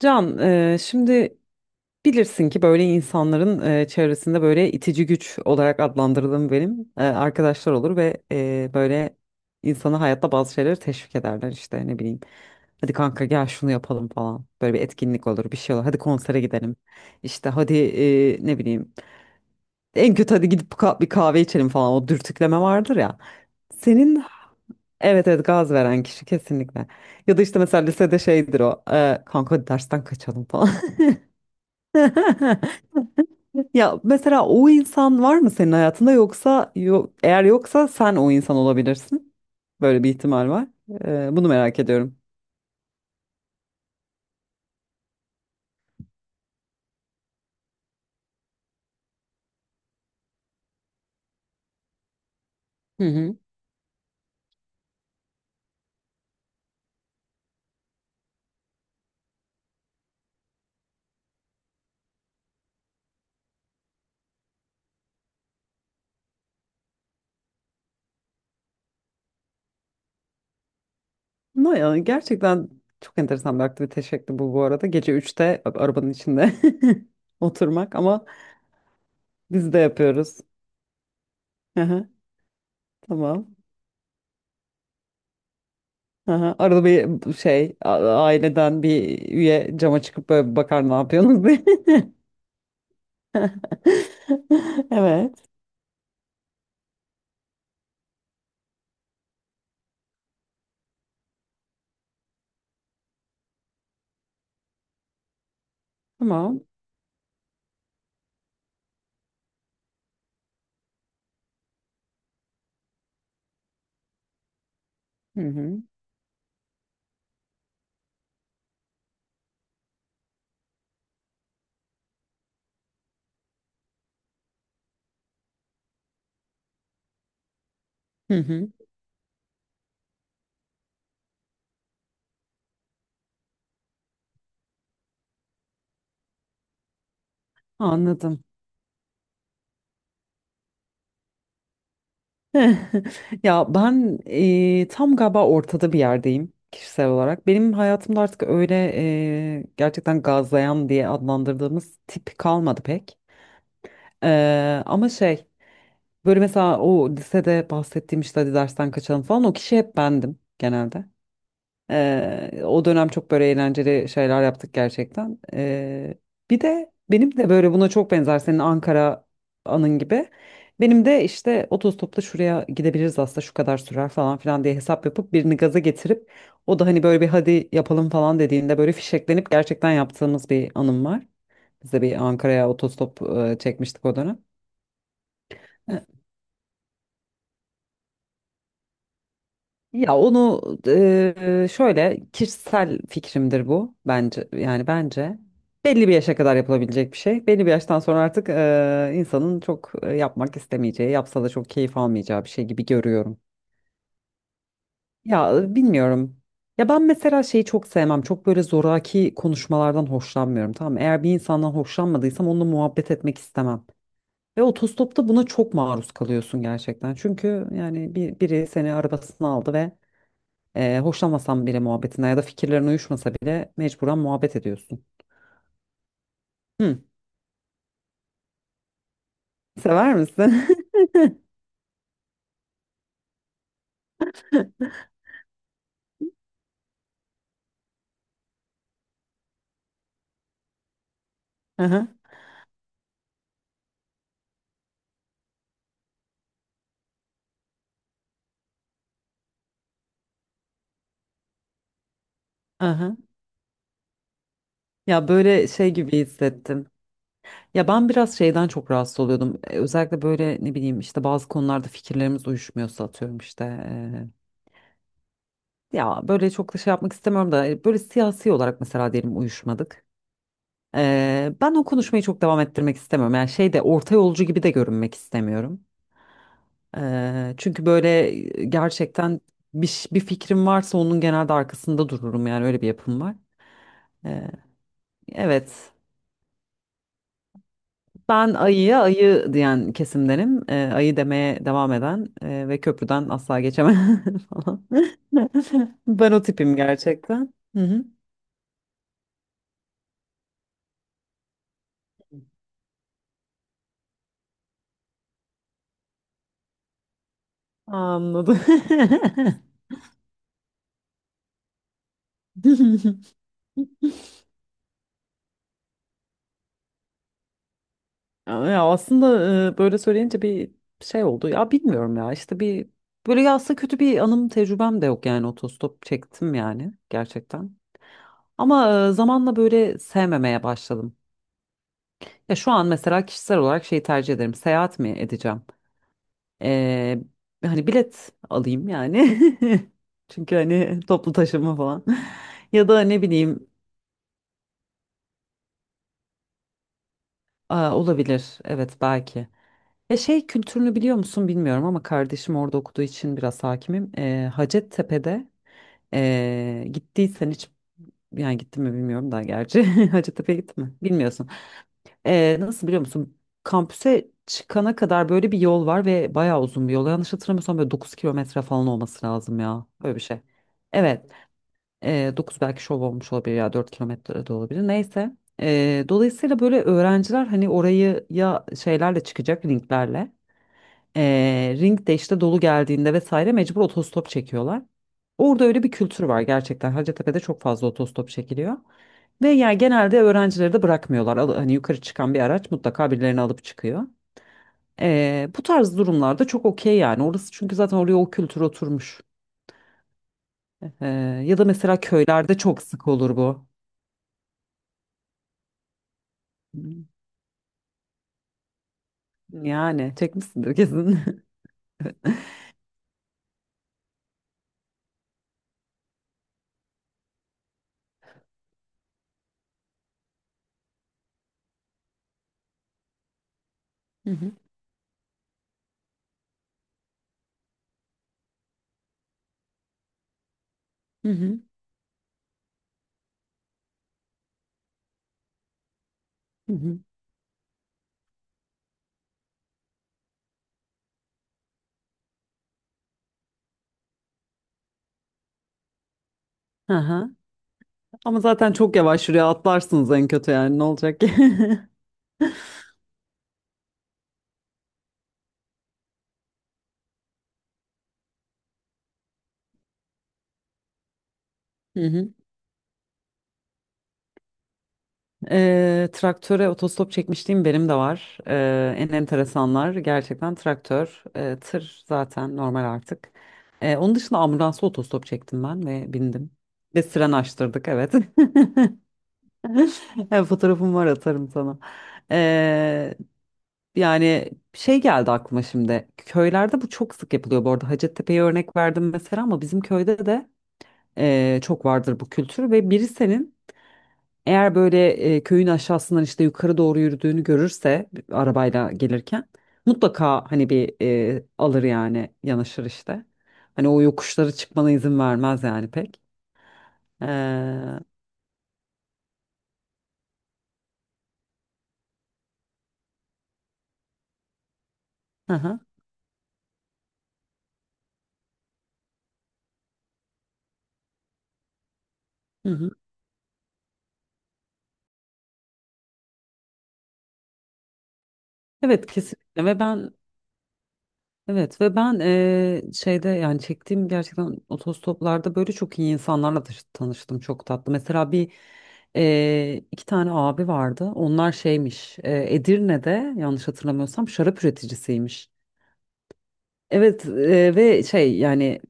Can, şimdi bilirsin ki böyle insanların çevresinde böyle itici güç olarak adlandırdığım benim arkadaşlar olur ve böyle insanı hayatta bazı şeyleri teşvik ederler işte ne bileyim. Hadi kanka, gel şunu yapalım falan. Böyle bir etkinlik olur, bir şey olur. Hadi konsere gidelim. İşte hadi ne bileyim. En kötü hadi gidip bir kahve içelim falan. O dürtükleme vardır ya. Senin evet, evet, gaz veren kişi kesinlikle. Ya da işte mesela lisede şeydir o. Kanka, hadi dersten kaçalım falan. Ya, mesela o insan var mı senin hayatında, yoksa eğer yoksa sen o insan olabilirsin. Böyle bir ihtimal var. Bunu merak ediyorum. Hı hı. Ama yani gerçekten çok enteresan bir aktivite şekli bu, bu arada. Gece üçte arabanın içinde oturmak, ama biz de yapıyoruz. Aha, tamam. Aha, arada bir şey aileden bir üye cama çıkıp böyle bir bakar, ne yapıyorsunuz diye. Evet. Tamam. Hı hı. Hı hı. Anladım. Ya ben tam galiba ortada bir yerdeyim kişisel olarak. Benim hayatımda artık öyle gerçekten gazlayan diye adlandırdığımız tip kalmadı pek. Ama şey, böyle mesela o lisede bahsettiğim işte hadi dersten kaçalım falan, o kişi hep bendim genelde. O dönem çok böyle eğlenceli şeyler yaptık gerçekten. Bir de benim de böyle buna çok benzer, senin Ankara anın gibi. Benim de işte otostopla şuraya gidebiliriz aslında, şu kadar sürer falan filan diye hesap yapıp birini gaza getirip, o da hani böyle bir hadi yapalım falan dediğinde böyle fişeklenip gerçekten yaptığımız bir anım var. Biz de bir Ankara'ya otostop çekmiştik o dönem. Ya onu şöyle, kişisel fikrimdir bu, bence yani, bence belli bir yaşa kadar yapılabilecek bir şey. Belli bir yaştan sonra artık insanın çok yapmak istemeyeceği, yapsa da çok keyif almayacağı bir şey gibi görüyorum. Ya bilmiyorum. Ya ben mesela şeyi çok sevmem. Çok böyle zoraki konuşmalardan hoşlanmıyorum. Tamam mı? Eğer bir insandan hoşlanmadıysam onunla muhabbet etmek istemem. Ve otostopta buna çok maruz kalıyorsun gerçekten. Çünkü yani biri seni arabasına aldı ve hoşlanmasan bile muhabbetine, ya da fikirlerin uyuşmasa bile mecburen muhabbet ediyorsun. Hı, sever misin? Aha, aha. Ya böyle şey gibi hissettim. Ya ben biraz şeyden çok rahatsız oluyordum. Özellikle böyle, ne bileyim, işte bazı konularda fikirlerimiz uyuşmuyorsa, atıyorum işte. Ya böyle çok da şey yapmak istemiyorum da, böyle siyasi olarak mesela, diyelim uyuşmadık. Ben o konuşmayı çok devam ettirmek istemiyorum. Yani şey de, orta yolcu gibi de görünmek istemiyorum. Çünkü böyle gerçekten bir fikrim varsa onun genelde arkasında dururum, yani öyle bir yapım var. Eee, evet. Ben ayıya ayı diyen kesimdenim. Ayı demeye devam eden ve köprüden asla geçemem falan. Ben o tipim gerçekten. Hı hı. Anladım. Ya aslında, böyle söyleyince bir şey oldu. Ya bilmiyorum, ya işte bir, böyle, ya aslında kötü bir anım, tecrübem de yok yani otostop çektim yani gerçekten. Ama zamanla böyle sevmemeye başladım. Ya şu an mesela kişisel olarak şeyi tercih ederim. Seyahat mi edeceğim? Ee, Hani bilet alayım yani. Çünkü hani toplu taşıma falan. Ya da ne bileyim, olabilir. Evet, belki. Ya, şey kültürünü biliyor musun bilmiyorum ama, kardeşim orada okuduğu için biraz hakimim. Hacettepe'de gittiysen hiç, yani gittin mi bilmiyorum da gerçi Hacettepe'ye gittin mi bilmiyorsun. Nasıl biliyor musun? Kampüse çıkana kadar böyle bir yol var ve bayağı uzun bir yol. Yanlış hatırlamıyorsam böyle 9 kilometre falan olması lazım ya. Öyle bir şey. Evet, 9 belki şov olmuş olabilir, ya 4 kilometre de olabilir. Neyse. Dolayısıyla böyle öğrenciler hani orayı ya şeylerle çıkacak, linklerle ring de işte dolu geldiğinde vesaire, mecbur otostop çekiyorlar. Orada öyle bir kültür var gerçekten. Hacettepe'de çok fazla otostop çekiliyor. Ve yani genelde öğrencileri de bırakmıyorlar. Hani yukarı çıkan bir araç mutlaka birilerini alıp çıkıyor. Bu tarz durumlarda çok okey yani. Orası çünkü zaten, oraya o kültür oturmuş. Ee, Ya da mesela köylerde çok sık olur bu. Hmm. Yani çekmişsindir kesin. Hı hı. Hı hı. Hı hı. Aha. Ama zaten çok yavaş, şuraya atlarsınız en kötü, yani ne olacak ki? Hı hı. Traktöre otostop çekmişliğim benim de var. En enteresanlar gerçekten traktör, tır zaten normal artık. Onun dışında ambulansa otostop çektim ben ve bindim. Ve siren açtırdık, evet. Evet, fotoğrafım var, atarım sana. Eee, Yani şey geldi aklıma şimdi. Köylerde bu çok sık yapılıyor bu arada. Hacettepe'ye örnek verdim mesela ama, bizim köyde de çok vardır bu kültür, ve biri senin, eğer böyle köyün aşağısından işte yukarı doğru yürüdüğünü görürse arabayla gelirken, mutlaka hani bir alır, yani yanaşır işte. Hani o yokuşları çıkmana izin vermez yani pek. Hı hı, hı hı. Evet kesinlikle, ve ben, evet, şeyde yani çektiğim gerçekten otostoplarda böyle çok iyi insanlarla tanıştım, çok tatlı. Mesela bir iki tane abi vardı. Onlar şeymiş, Edirne'de yanlış hatırlamıyorsam şarap üreticisiymiş. Evet, ve şey yani,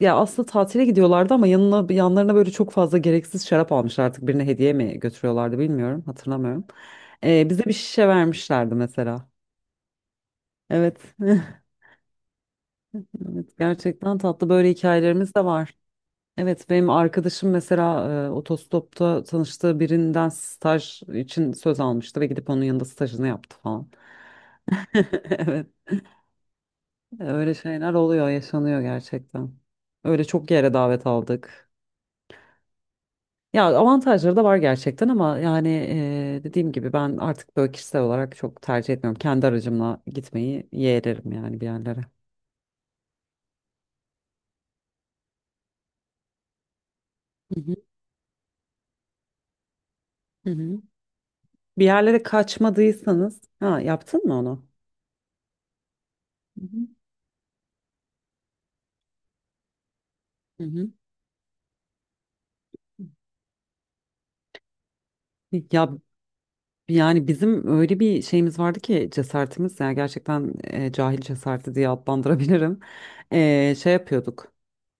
ya aslında tatile gidiyorlardı ama yanına, yanlarına böyle çok fazla gereksiz şarap almışlar, artık birine hediye mi götürüyorlardı bilmiyorum, hatırlamıyorum. Bize bir şişe vermişlerdi mesela. Evet. Evet, gerçekten tatlı böyle hikayelerimiz de var. Evet, benim arkadaşım mesela otostopta tanıştığı birinden staj için söz almıştı ve gidip onun yanında stajını yaptı falan. Evet, öyle şeyler oluyor, yaşanıyor gerçekten. Öyle çok yere davet aldık. Ya avantajları da var gerçekten ama yani dediğim gibi ben artık böyle kişisel olarak çok tercih etmiyorum. Kendi aracımla gitmeyi yeğlerim yani bir yerlere. Hı hı, hı hı. Bir yerlere kaçmadıysanız, ha, yaptın mı onu? Hı hı, hı hı. Ya yani bizim öyle bir şeyimiz vardı ki, cesaretimiz yani gerçekten, cahil cesareti diye adlandırabilirim. Şey yapıyorduk.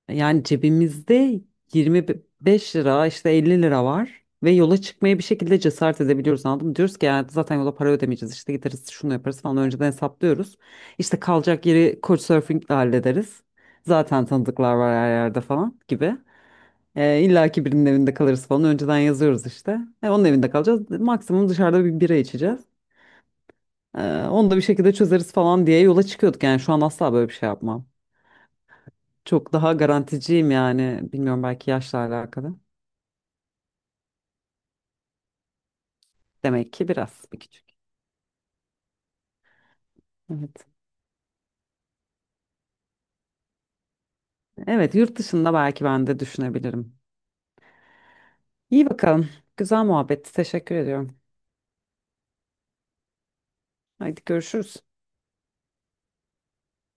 Yani cebimizde 25 lira işte, 50 lira var ve yola çıkmaya bir şekilde cesaret edebiliyoruz, anladın mı? Diyoruz ki yani zaten yola para ödemeyeceğiz, işte gideriz, şunu yaparız falan, önceden hesaplıyoruz. İşte kalacak yeri Couchsurfing'le hallederiz. Zaten tanıdıklar var her yerde falan gibi. İlla ki birinin evinde kalırız falan, önceden yazıyoruz işte. Onun evinde kalacağız, maksimum dışarıda bir bira içeceğiz. E, Onu da bir şekilde çözeriz falan diye yola çıkıyorduk, yani şu an asla böyle bir şey yapmam. Çok daha garanticiyim yani, bilmiyorum, belki yaşla alakalı. Demek ki biraz bir küçük. Evet. Evet, yurt dışında belki ben de düşünebilirim. İyi bakalım. Güzel muhabbet. Teşekkür ediyorum. Haydi görüşürüz.